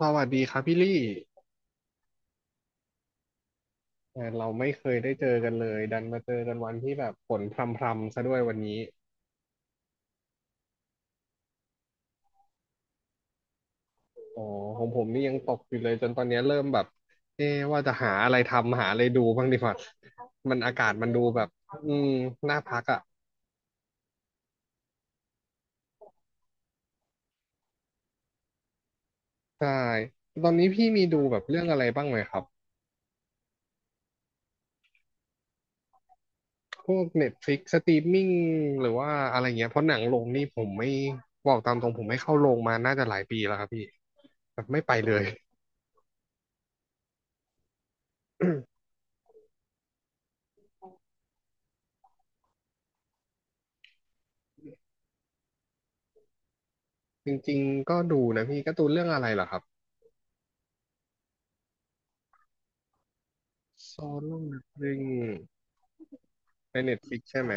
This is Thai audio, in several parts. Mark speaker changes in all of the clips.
Speaker 1: สวัสดีครับพี่ลี่แหมเราไม่เคยได้เจอกันเลยดันมาเจอกันวันที่แบบฝนพรำๆซะด้วยวันนี้อ๋อของผมนี่ยังตกอยู่เลยจนตอนนี้เริ่มแบบเอ๊ะว่าจะหาอะไรทำหาอะไรดูบ้างดีกว่ามันอากาศมันดูแบบอืมน่าพักอ่ะใช่ตอนนี้พี่มีดูแบบเรื่องอะไรบ้างไหมครับ พวก Netflix สตรีมมิ่งหรือว่าอะไรเงี้ยเพราะหนังลงนี่ผมไม่บอกตามตรงผมไม่เข้าโรงมาน่าจะหลายปีแล้วครับพี่แบบไม่ไปเลย จริงๆก็ดูนะพี่การ์ตูนเรื่องอะไรเหรอครับโซโล่นักเรงในเน็ตฟลิกใช่ไหม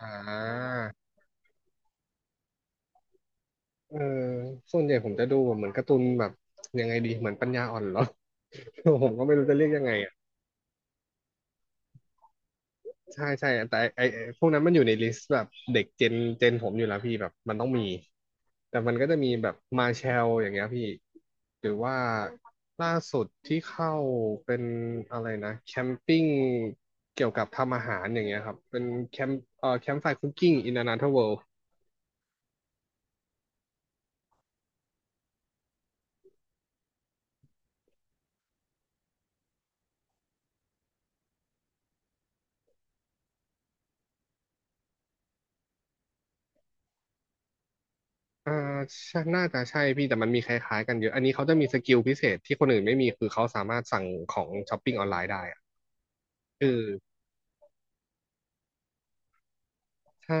Speaker 1: อ่าเออส่วนใหญ่ผมจะดูแบบเหมือนการ์ตูนแบบยังไงดีเหมือนปัญญาอ่อนเหรอ ผมก็ไม่รู้จะเรียกยังไง ใช่ใช่แต่ไอไอ้พวกนั้นมันอยู่ในลิสต์แบบเด็กเจนเจนผมอยู่แล้วพี่แบบมันต้องมีแต่มันก็จะมีแบบมาเชลอย่างเงี้ยพี่หรือว่าล่าสุดที่เข้าเป็นอะไรนะแคมปิ้งเกี่ยวกับทำอาหารอย่างเงี้ยครับเป็นแคมแคมป์ไฟคุกกิ้งอินอนาเธอร์เวิลอ่าใช่น่าจะใช่พี่แต่มันมีคล้ายๆกันเยอะอันนี้เขาจะมีสกิลพิเศษที่คนอื่นไม่มีคือเขาสามารถสั่งของช้อปปิ้งออนไลน์ได้อะเออ ใช่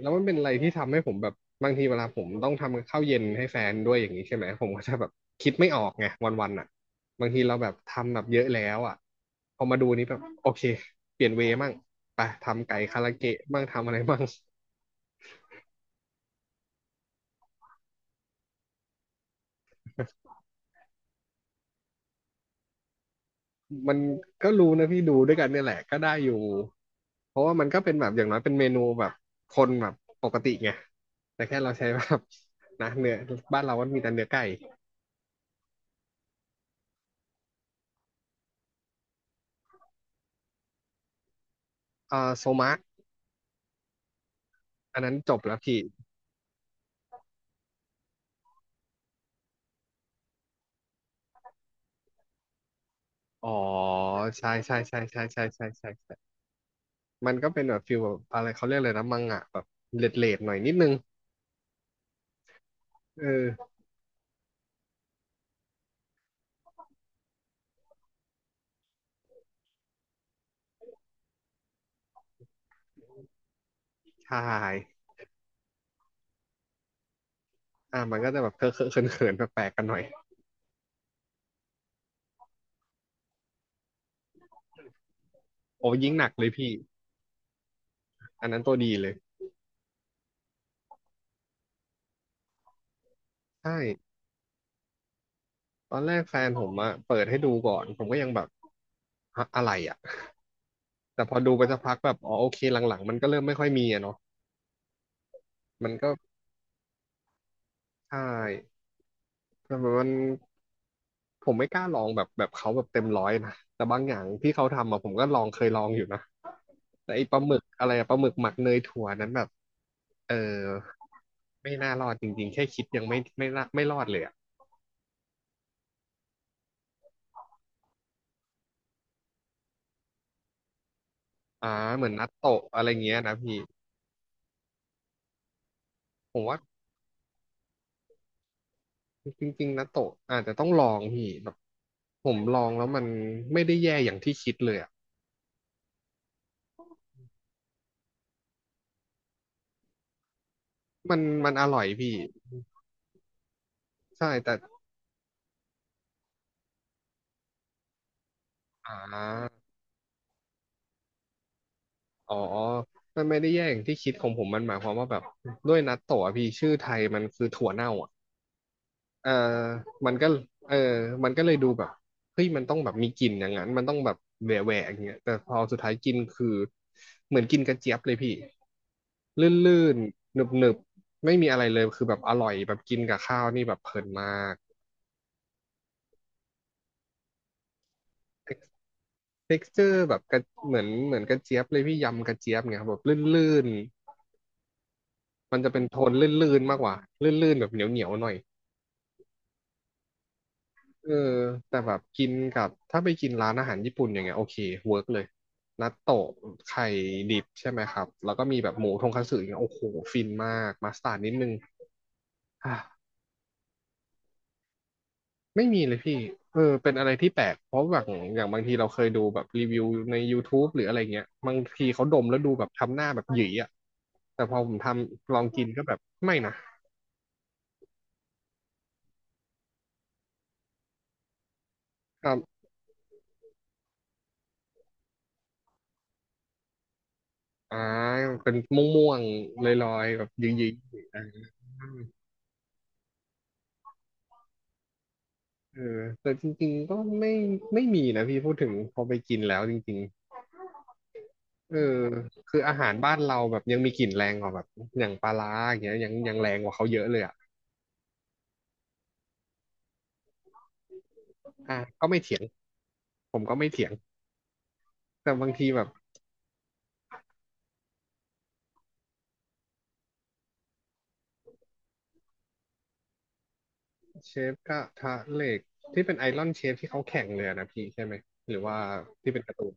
Speaker 1: แล้วมันเป็นอะไรที่ทำให้ผมแบบบางทีเวลาผมต้องทำข้าวเย็นให้แฟนด้วยอย่างนี้ใช่ไหมผมก็จะแบบคิดไม่ออกไงวันๆอ่ะบางทีเราแบบทำแบบเยอะแล้วอ่ะพอมาดูนี้แบบโอเคเปลี่ยนเวย์มั่งไปทำไก่คาราเกะมั่งทำอะไรมั่งมันก็รู้นะพี่ดูด้วยกันเนี่ยแหละก็ได้อยู่เพราะว่ามันก็เป็นแบบอย่างน้อยเป็นเมนูแบบคนแบบปกติไงแต่แค่เราใช้แบบนะเนื้อบ้านเราก็มีแต่เนื้อไก่อ่าโซมะอันนั้นจบแล้วพี่ อ๋อใช่ใช่ใช่ใช่ใช่ใช่ใช่ใช่มันก็เป็นแบบฟิลแบบอะไรเขาเรียกเลยนะมังงะแบบเลดเลดๆหน่อยนิดนึงเออใช่อ่ะมันก็จะแบบเคอะเคอะเขินเขินแปลกๆกันหน่อยโอ้ยิ่งหนักเลยพี่อันนั้นตัวดีเลยใช่ตอนแรกแฟนผมอะเปิดให้ดูก่อนผมก็ยังแบบฮะอะไรอะแต่พอดูไปสักพักแบบอ๋อโอเคหลังๆมันก็เริ่มไม่ค่อยมีอะเนาะมันก็ใช่แต่มันผมไม่กล้าลองแบบแบบเขาแบบเต็มร้อยนะแต่บางอย่างที่เขาทำอะผมก็ลองเคยลองอยู่นะ แต่ไอปลาหมึกอะไรอะปลาหมึกหมักเนยถั่วนั้นแบบเออไม่น่ารอดจริงๆแค่คิดยังไม่ไม่น่าไม่รอดเลยอ่ะอ่าเหมือนนัตโตะอะไรเงี้ยนะพี่ผมว่าจริงๆนัตโตะอาจจะต้องลองพี่แบบผมลองแล้วมันไม่ได้แย่อย่างที่คิดเลยอ่ะมันมันอร่อยพี่ใช่แต่อ่าอ๋อมันไม่ได้แย่อย่างที่คิดของผมมันหมายความว่าแบบด้วยนัตโตะอะพี่ชื่อไทยมันคือถั่วเน่าอะ เออมันก็เออมันก็เลยดูแบบเฮ้ยมันต้องแบบมีกลิ่นอย่างนั้นมันต้องแบบแหวะแหวะอย่างเงี้ยแต่พอสุดท้ายกินคือเหมือนกินกระเจี๊ยบเลยพี่ลื่นๆหนึบๆไม่มีอะไรเลยคือแบบอร่อยแบบกินกับข้าวนี่แบบเพลินมาก t e เจอร์แบบกระเหมือนเหมือนกระเจี๊ยบเลยพี่ยำกระเจี๊ยบเนี่ยครับแบบลื่นๆมันจะเป็นโทนลื่นๆมากกว่าลื่นๆแบบเหนียวๆหน่อย เออแต่แบบกินกับถ้าไปกินร้านอาหารญี่ปุ่นอย่างเงี้ยโอเคเวิร์กเลยนัตโตะไข่ดิบใช่ไหมครับแล้วก็มีแบบหมูทงคัตสึอย่างเงี้ยโอ้โหฟินมากมัสตาร์ดนิดนึงอ่ะไม่มีเลยพี่เออเป็นอะไรที่แปลกเพราะแบบอย่างบางทีเราเคยดูแบบรีวิวใน YouTube หรืออะไรเงี้ยบางทีเขาดมแล้วดูแบบทำหน้าแบบหยีอ่ะแต่พอผมทำลองกินก็แบบไม่นะครับอ่าเป็นม่วงๆลอยๆแบบหยีๆ เออแต่จริงๆก็ไม่มีนะพี่พูดถึงพอไปกินแล้วจริงๆเออคืออาหารบ้านเราแบบยังมีกลิ่นแรงกว่าแบบอย่างปลาร้าอย่างเงี้ยยังแรงกว่าเขาเยอะเลยอ่ะอ่ะก็ไม่เถียงผมก็ไม่เถียงแต่บางทีแบบเชฟกระทะเหล็กที่เป็นไอรอนเชฟที่เขาแข่งเลยอะนะพี่ใช่ไหมหรือว่าที่เป็นการ์ตูน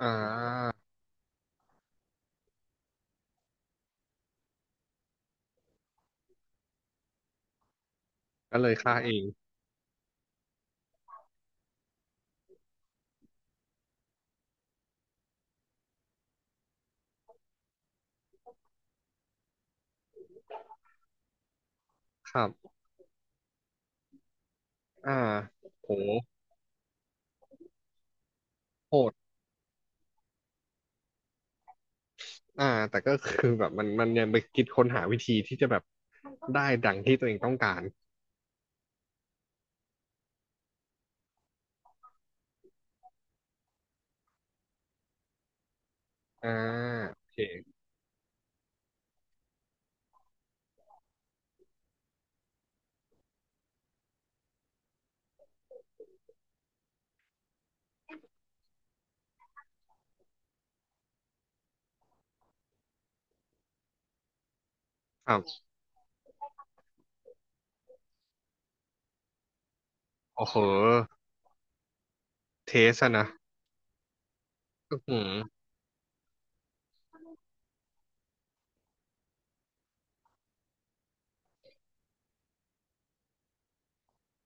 Speaker 1: อ่าก็เลยฆ่าเองครับอ่าโหโหดอ่าแต่ก็คือแบบมันยังไปคิดค้นหาวิธีที่จะแบบได้ดังที่ตัวเองต้องการ อ่าโอเคครับโอ้โหเทสอะนะอื้อหือ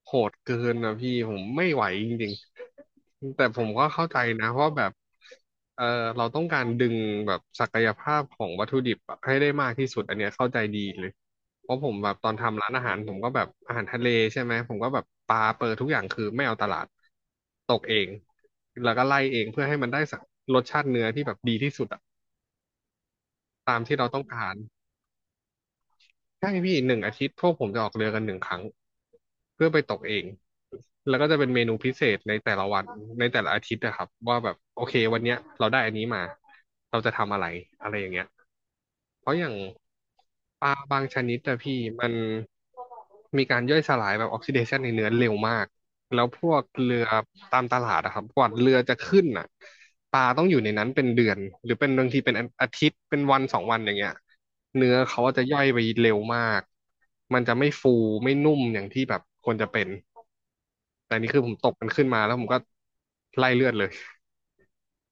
Speaker 1: โหดเกินนะพี่ผมไม่ไหวจริงๆแต่ผมก็เข้าใจนะว่าแบบเออเราต้องการดึงแบบศักยภาพของวัตถุดิบอะให้ได้มากที่สุดอันเนี้ยเข้าใจดีเลยเพราะผมแบบตอนทำร้านอาหารผมก็แบบอาหารทะเลใช่ไหมผมก็แบบปลาเปิดทุกอย่างคือไม่เอาตลาดตกเองแล้วก็ไล่เองเพื่อให้มันได้สักรสชาติเนื้อที่แบบดีที่สุดอะตามที่เราต้องการ ใช่พี่หนึ่งอาทิตย์พวกผมจะออกเรือกันหนึ่งครั้งเพื่อไปตกเองแล้วก็จะเป็นเมนูพิเศษในแต่ละวันในแต่ละอาทิตย์นะครับว่าแบบโอเควันเนี้ยเราได้อันนี้มาเราจะทำอะไรอะไรอย่างเงี้ยเพราะอย่างปลาบางชนิดอะพี่มันมีการย่อยสลายแบบออกซิเดชันในเนื้อเร็วมาก แล้วพวกเรือตามตลาดอะครับกว่าเรือจะขึ้นอ่ะปลาต้องอยู่ในนั้นเป็นเดือนหรือเป็นบางทีเป็นอาทิตย์เป็นวันสองวันอย่างเงี้ยเนื้อเขาจะย่อยไปเร็วมากมันจะไม่ฟูไม่นุ่มอย่างที่แบบควรจะเป็นแต่นี่คือผมตกมันขึ้นมาแล้วผมก็ไล่เลือดเลย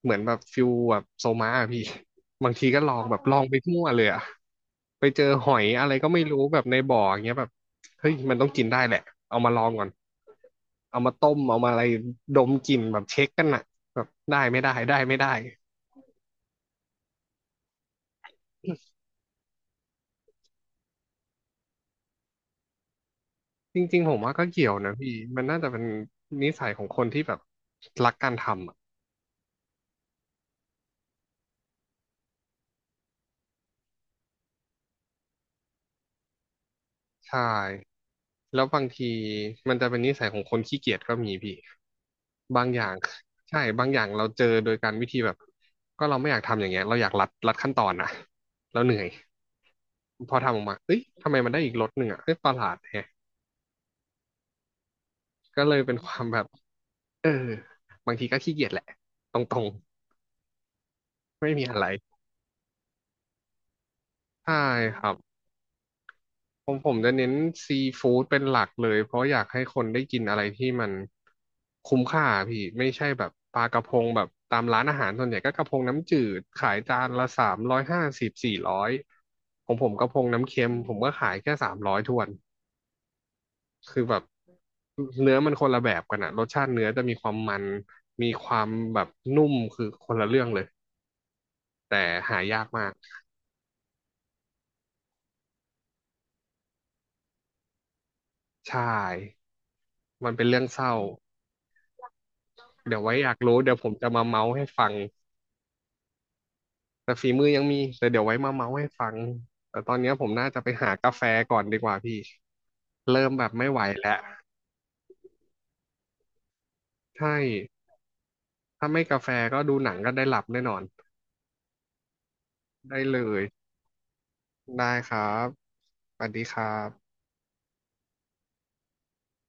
Speaker 1: เหมือนแบบฟิลแบบโซมาอะพี่ บางทีก็ลองแบบลองไปทั่วเลยอะไปเจอหอยอะไรก็ไม่รู้แบบในบ่ออย่างเงี้ยแบบเฮ้ยมันต้องกินได้แหละเอามาลองก่อนเอามาต้มเอามาอะไรดมกลิ่นแบบเช็คกันอะแบบได้ไม่ได้ได้ไม่ได้จริงๆผมว่าก็เกี่ยวนะพี่มันน่าจะเป็นนิสัยของคนที่แบบรักการทำอ่ะใช่ แล้วบางทีมันจะเป็นนิสัยของคนขี้เกียจก็มีพี่บางอย่างใช่บางอย่างเราเจอโดยการวิธีแบบก็เราไม่อยากทำอย่างเงี้ยเราอยากรัดขั้นตอนนะเราเหนื่อยพอทำออกมาเอ้ยทำไมมันได้อีกรสหนึ่งอ่ะเอ้ยประหลาดแฮะก็เลยเป็นความแบบเออบางทีก็ขี้เกียจแหละตรงๆไม่มีอะไรใช่ครับ ผมจะเน้นซีฟู้ดเป็นหลักเลยเพราะอยากให้คนได้กินอะไรที่มันคุ้มค่าพี่ไม่ใช่แบบปลากระพงแบบตามร้านอาหารส่วนใหญ่ก็กระพงน้ำจืดขายจานละ350-400ของผมกระพงน้ำเค็มผมก็ขายแค่สามร้อยทวนคือแบบเนื้อมันคนละแบบกันอะรสชาติเนื้อจะมีความมันมีความแบบนุ่มคือคนละเรื่องเลยแต่หายากมากใช่มันเป็นเรื่องเศร้าเดี๋ยวไว้อยากรู้เดี๋ยวผมจะมาเมาส์ให้ฟัง แต่ฝีมือยังมีแต่เดี๋ยวไว้มาเมาส์ให้ฟังแต่ตอนเนี้ยผมน่าจะไปหากาแฟก่อนดีกว่าพี่เริ่มแบบไม่ไหวแล้วใช่ถ้าไม่กาแฟก็ดูหนังก็ได้หลับแน่นอนได้เลยได้ครับสวัสดีครับ